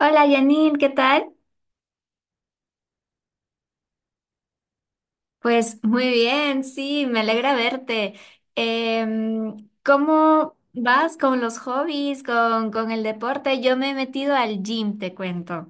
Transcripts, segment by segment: Hola Janine, ¿qué tal? Pues muy bien, sí, me alegra verte. ¿Cómo vas con los hobbies, con el deporte? Yo me he metido al gym, te cuento.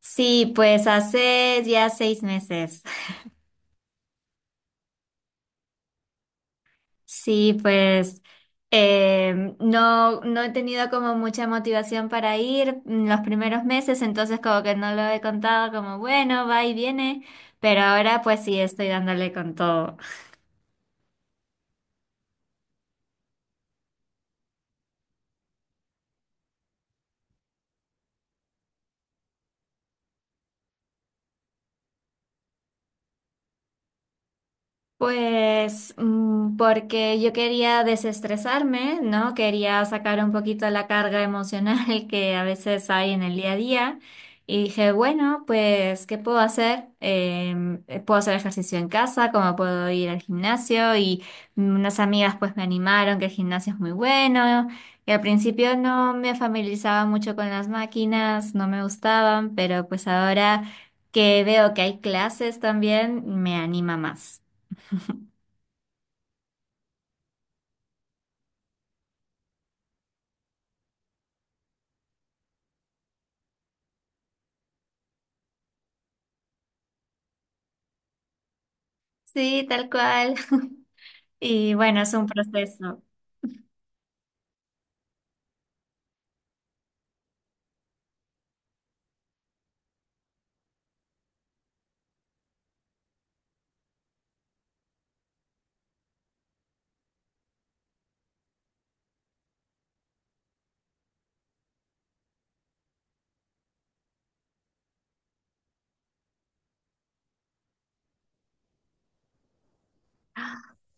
Sí, pues hace ya 6 meses. Sí, pues no he tenido como mucha motivación para ir en los primeros meses, entonces como que no lo he contado como bueno, va y viene, pero ahora pues sí estoy dándole con todo. Pues porque yo quería desestresarme, ¿no? Quería sacar un poquito la carga emocional que a veces hay en el día a día. Y dije, bueno, pues, ¿qué puedo hacer? Puedo hacer ejercicio en casa, como puedo ir al gimnasio. Y unas amigas pues me animaron que el gimnasio es muy bueno. Y al principio no me familiarizaba mucho con las máquinas, no me gustaban, pero pues ahora que veo que hay clases también, me anima más. Sí, tal cual. Y bueno, es un proceso.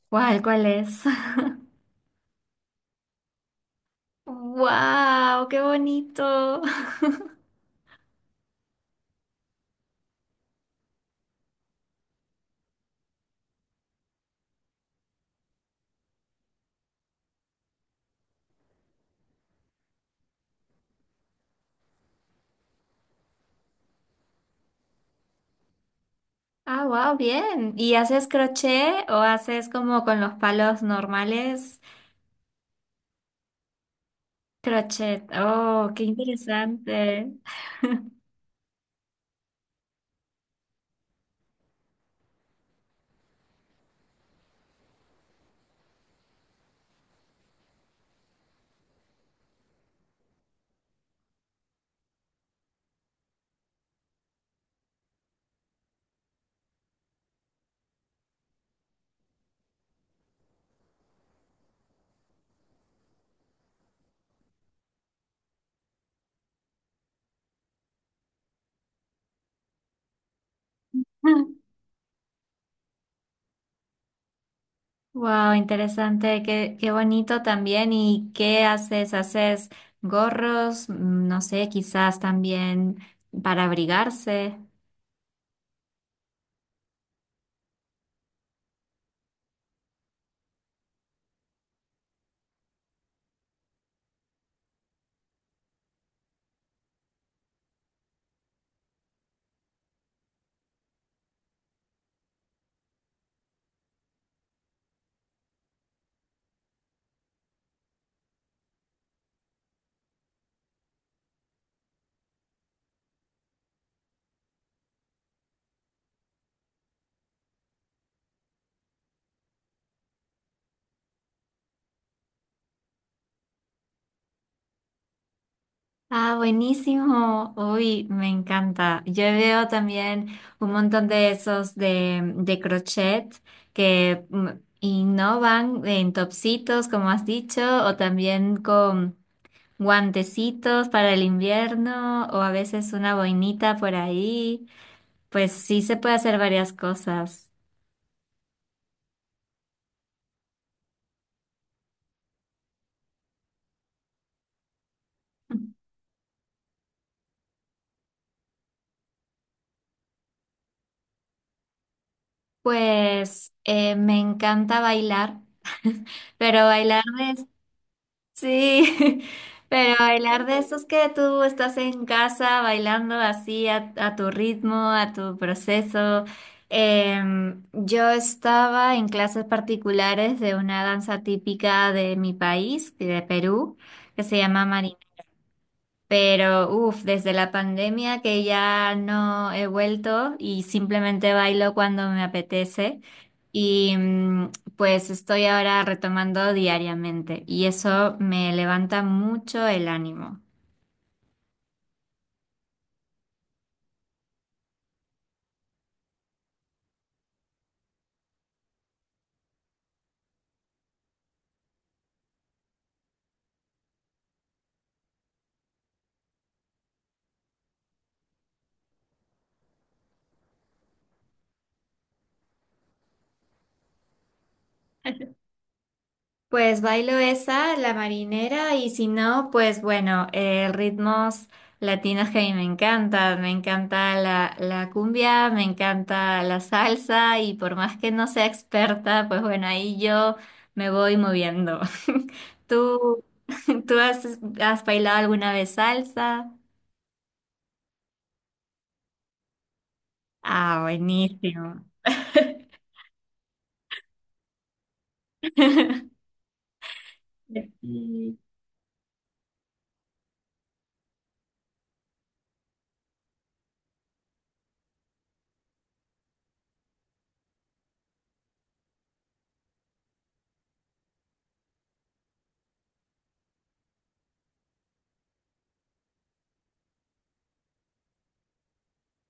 ¿Cuál, cuál es? ¡Wow! ¡Qué bonito! Ah, wow, bien. ¿Y haces crochet o haces como con los palos normales? Crochet. Oh, qué interesante. Wow, interesante. Qué, qué bonito también. ¿Y qué haces? ¿Haces gorros? No sé, quizás también para abrigarse. Ah, buenísimo. Uy, me encanta. Yo veo también un montón de esos de crochet que innovan en topsitos, como has dicho, o también con guantecitos para el invierno, o a veces una boinita por ahí. Pues sí se puede hacer varias cosas. Pues me encanta bailar, pero bailar. Sí, pero bailar de esos que tú estás en casa bailando así a tu ritmo, a tu proceso. Yo estaba en clases particulares de una danza típica de mi país, de Perú, que se llama, pero uff, desde la pandemia que ya no he vuelto y simplemente bailo cuando me apetece. Y pues estoy ahora retomando diariamente y eso me levanta mucho el ánimo. Pues bailo esa, la marinera, y si no, pues bueno, ritmos latinos que a mí me encantan. Me encanta la cumbia, me encanta la salsa, y por más que no sea experta, pues bueno, ahí yo me voy moviendo. ¿Tú, tú has, has bailado alguna vez salsa? Ah, buenísimo. Sí,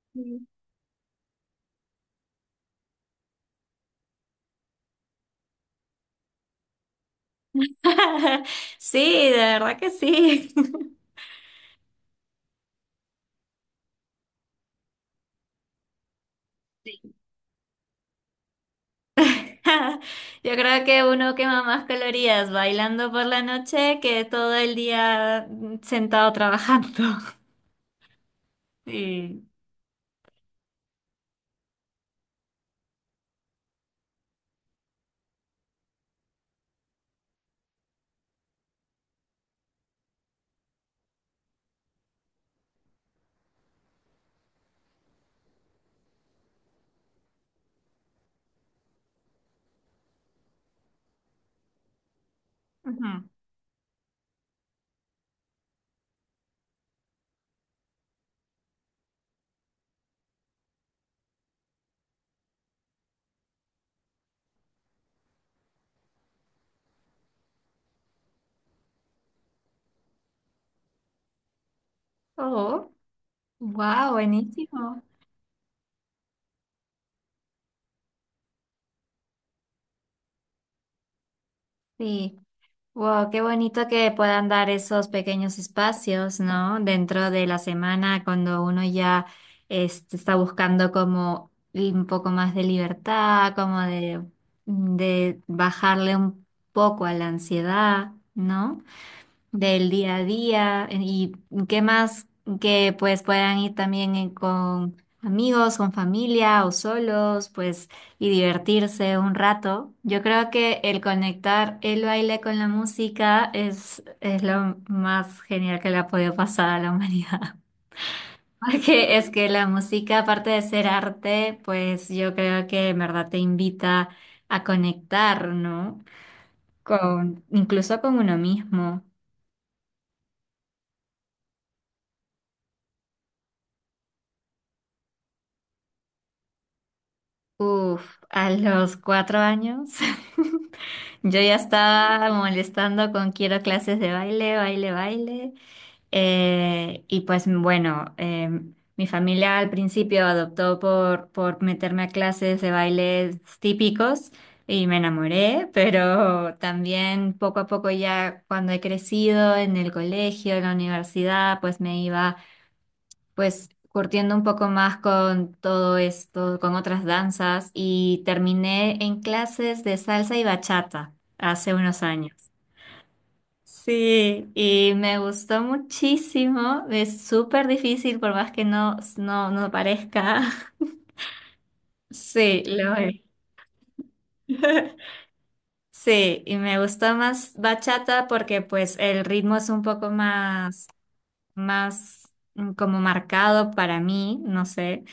sí. Sí, de verdad que sí. Yo creo que uno quema más calorías bailando por la noche que todo el día sentado trabajando. Sí. Ujú. Oh, wow, buenísimo. Sí. Wow, qué bonito que puedan dar esos pequeños espacios, ¿no? Dentro de la semana, cuando uno ya está buscando como un poco más de libertad, como de bajarle un poco a la ansiedad, ¿no? Del día a día y qué más que pues puedan ir también con amigos, con familia o solos, pues, y divertirse un rato. Yo creo que el conectar el baile con la música es lo más genial que le ha podido pasar a la humanidad. Porque es que la música, aparte de ser arte, pues yo creo que en verdad te invita a conectar, ¿no? Con, incluso con uno mismo. Uf, a los 4 años yo ya estaba molestando con quiero clases de baile, baile, baile. Y pues bueno, mi familia al principio adoptó por meterme a clases de baile típicos y me enamoré, pero también poco a poco ya cuando he crecido en el colegio, en la universidad, pues me iba pues curtiendo un poco más con todo esto, con otras danzas y terminé en clases de salsa y bachata hace unos años. Sí, y me gustó muchísimo, es súper difícil por más que no, no, no parezca. Sí, lo es. Sí, y me gustó más bachata porque pues el ritmo es un poco más como marcado para mí, no sé.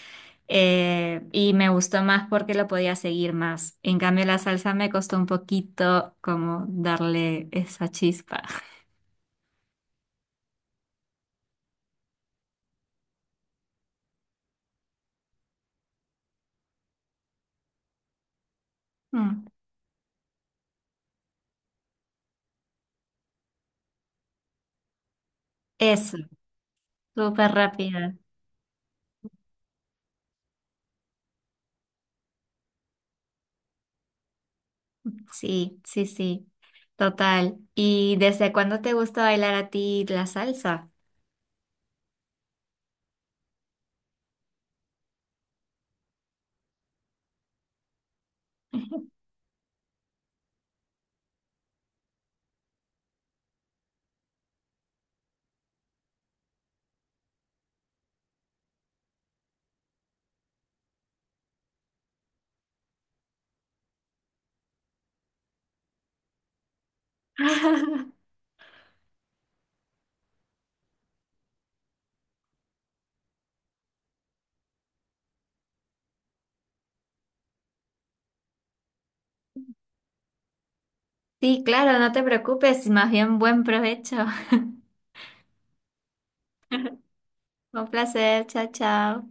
Eh, y me gustó más porque lo podía seguir más. En cambio, la salsa me costó un poquito como darle esa chispa. Mm, eso, súper rápida. Sí, sí, sí, total. ¿Y desde cuándo te gusta bailar a ti la salsa? Sí, claro, no te preocupes, más bien buen provecho. Un placer, chao, chao.